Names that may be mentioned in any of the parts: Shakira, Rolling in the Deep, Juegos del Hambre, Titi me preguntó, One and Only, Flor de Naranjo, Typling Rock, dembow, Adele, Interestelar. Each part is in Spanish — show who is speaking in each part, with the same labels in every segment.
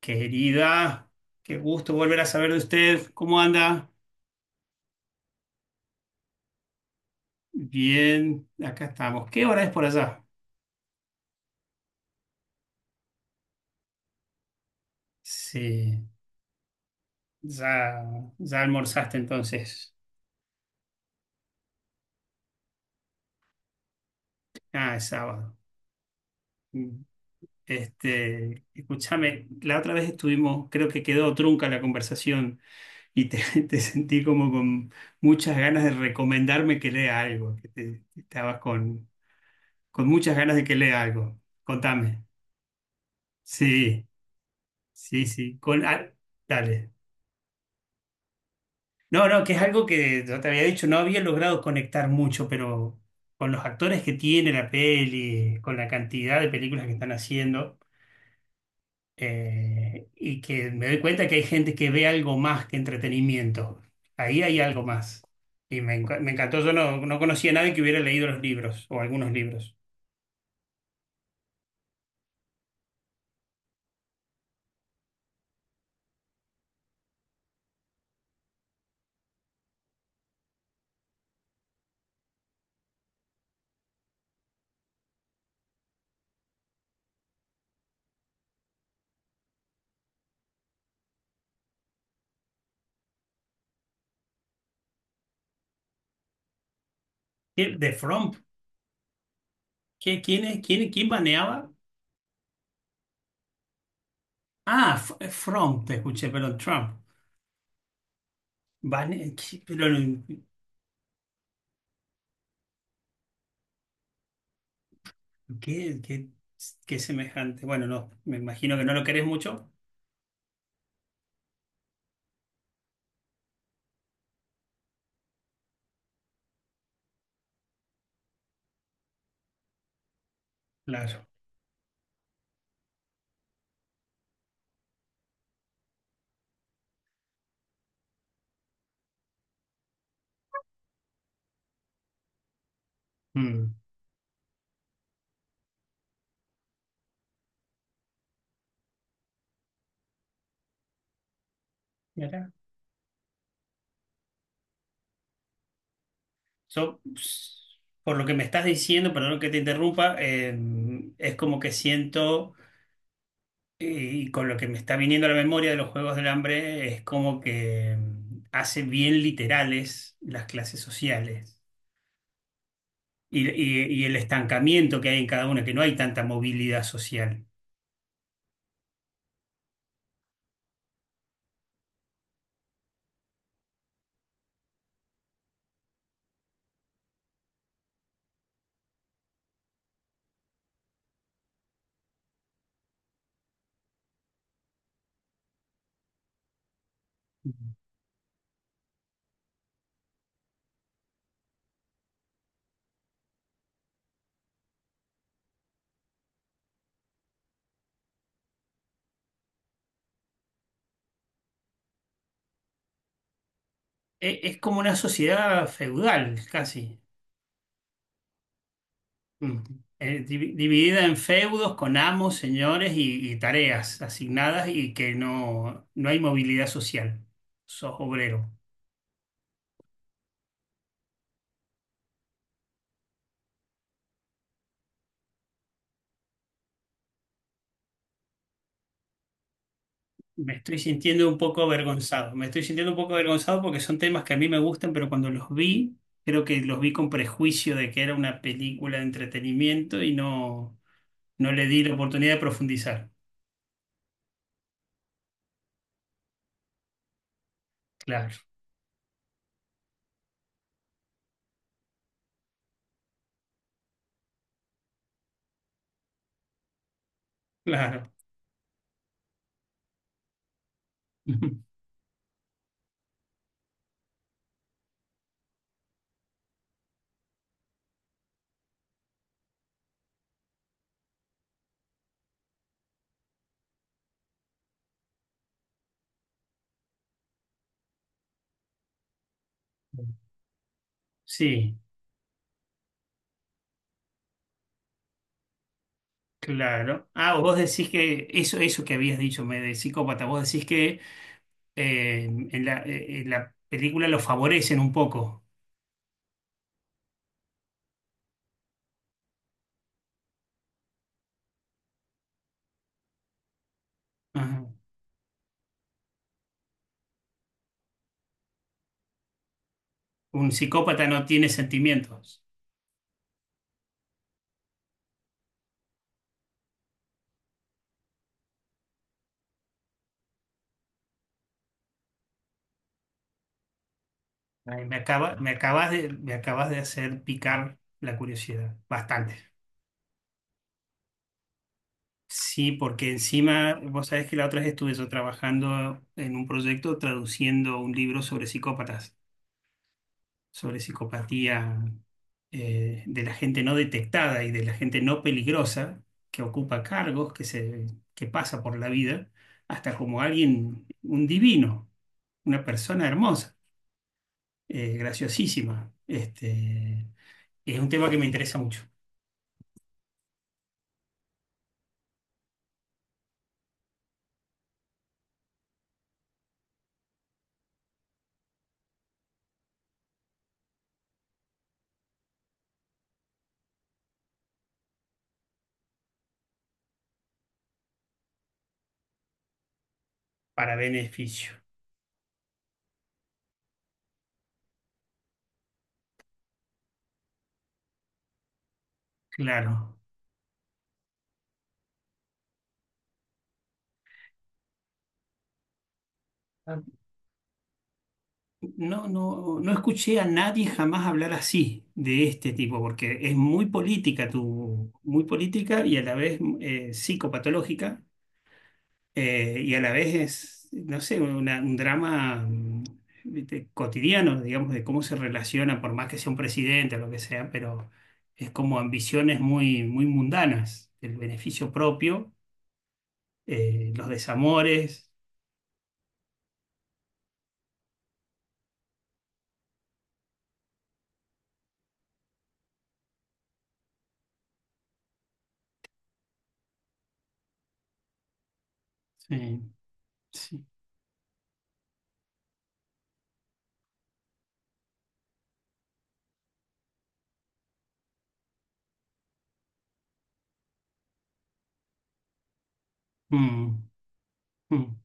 Speaker 1: Querida, qué gusto volver a saber de usted. ¿Cómo anda? Bien, acá estamos. ¿Qué hora es por allá? Sí, ya, ya almorzaste entonces. Ah, es sábado. Mm. Escúchame, la otra vez estuvimos, creo que quedó trunca la conversación y te sentí como con muchas ganas de recomendarme que lea algo, estabas con muchas ganas de que lea algo. Contame. Sí, sí, sí. Dale. No, no, que es algo que yo te había dicho, no había logrado conectar mucho, pero con los actores que tiene la peli, con la cantidad de películas que están haciendo, y que me doy cuenta que hay gente que ve algo más que entretenimiento. Ahí hay algo más. Y me encantó, yo no, no conocía a nadie que hubiera leído los libros o algunos libros. ¿Qué? ¿De Fromp? ¿Qué? ¿Quién es? ¿Quién, quién baneaba? Ah, Fromp, te escuché, perdón, Trump. Bane- ¿qué, pero, no? Qué, qué- qué semejante. Bueno, no, me imagino que no lo querés mucho. Claro. Mm. Mira. Por lo que me estás diciendo, perdón que te interrumpa, es como que siento, eh, y con lo que me está viniendo a la memoria de los Juegos del Hambre, es como que mm, hace bien literales las clases sociales y y- el estancamiento que hay en cada una, que no hay tanta movilidad social. Mm. Es como una sociedad feudal, casi. Mm. Dividida en feudos con amos, señores y tareas asignadas y que no hay movilidad social. Sos obrero. Me estoy sintiendo un poco avergonzado. Me estoy sintiendo un poco avergonzado porque son temas que a mí me gustan, pero cuando los vi, creo que los vi con prejuicio de que era una película de entretenimiento y no le di la oportunidad de profundizar. Claro, claro. Sí, claro. Ah, vos decís que eso que habías dicho, me de psicópata, vos decís que en la película lo favorecen un poco. Ajá. Un psicópata no tiene sentimientos. Ay, me acabas de hacer picar la curiosidad, bastante. Sí, porque encima, vos sabés que la otra vez estuve yo trabajando en un proyecto traduciendo un libro sobre psicópatas, sobre psicopatía, de la gente no detectada y de la gente no peligrosa que ocupa cargos, que pasa por la vida, hasta como alguien, un divino, una persona hermosa, graciosísima. Es un tema que me interesa mucho, para beneficio, claro. Ah, no, no, no escuché a nadie jamás hablar así de este tipo, porque es muy política, tu, muy política y a la vez psicopatológica, y a la vez es, no sé, un drama mm, viste, cotidiano, digamos, de cómo se relaciona, por más que sea un presidente o lo que sea, pero es como ambiciones muy mundanas, el beneficio propio, los desamores. Sí, sí. Mm, mm.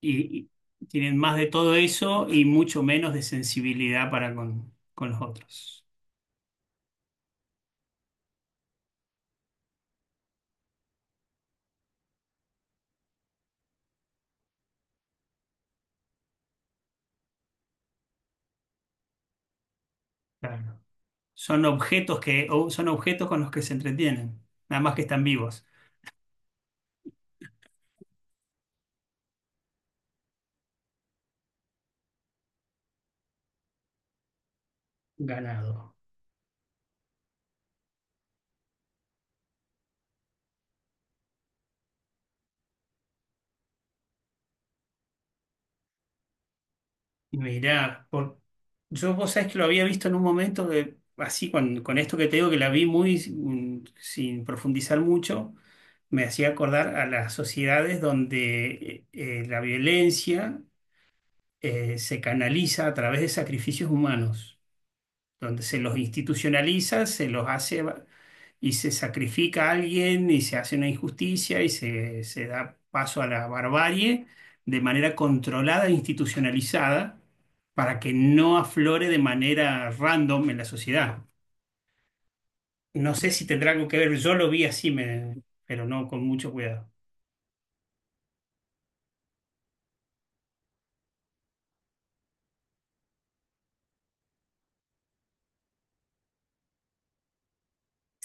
Speaker 1: Y, y tienen más de todo eso y mucho menos de sensibilidad para con los otros. Claro. Son objetos que, son objetos con los que se entretienen, nada más que están vivos. Ganado. Mirá, por... yo vos sabés que lo había visto en un momento de, así con esto que te digo que la vi muy sin sin profundizar mucho, me hacía acordar a las sociedades donde la violencia se canaliza a través de sacrificios humanos, donde se los institucionaliza, se los hace y se sacrifica a alguien y se hace una injusticia y se da paso a la barbarie de manera controlada e institucionalizada para que no aflore de manera random en la sociedad. No sé si tendrá algo que ver, yo lo vi así, me- pero no con mucho cuidado.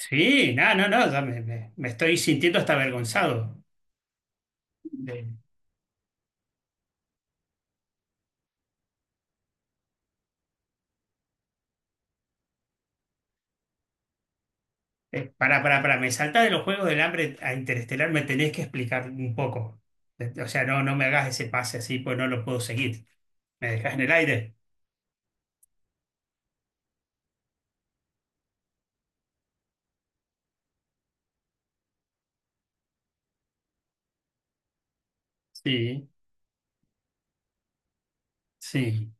Speaker 1: Sí, no, no, no, ya me estoy sintiendo hasta avergonzado. Para, para, me salta de los Juegos del Hambre a Interestelar, me tenés que explicar un poco. O sea, no, no me hagas ese pase así, pues no lo puedo seguir. ¿Me dejas en el aire? Sí, sí,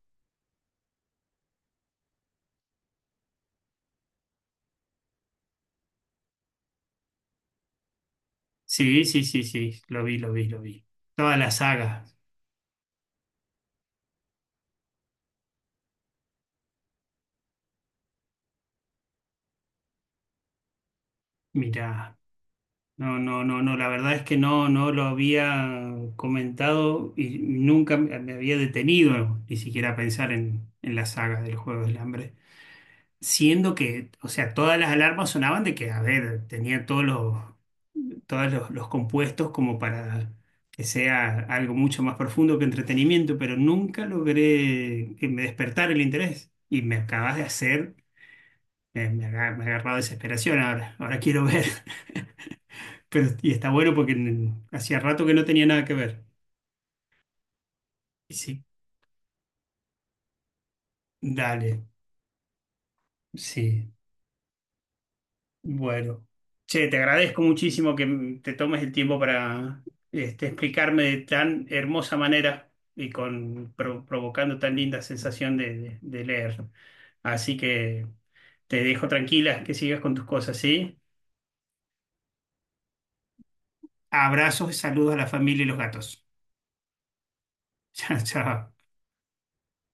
Speaker 1: sí, sí, sí, sí, lo vi, lo vi, lo vi. Toda la saga, mirá. No, no, no, no, la verdad es que no, no lo había comentado y nunca me había detenido ni siquiera a pensar en la saga del Juego del Hambre, siendo que, o sea, todas las alarmas sonaban de que, a ver, tenía todos los, todos los compuestos como para que sea algo mucho más profundo que entretenimiento, pero nunca logré que me despertara el interés. Y me acabas de hacer, me ha agarrado desesperación ahora, ahora quiero ver. Pero, y está bueno porque n- hacía rato que no tenía nada que ver. Y sí, dale, sí. Bueno, che, te agradezco muchísimo que m- te tomes el tiempo para explicarme de tan hermosa manera y provocando tan linda sensación de, de leer. Así que te dejo tranquila, que sigas con tus cosas, ¿sí? Abrazos y saludos a la familia y los gatos. Chao, chao.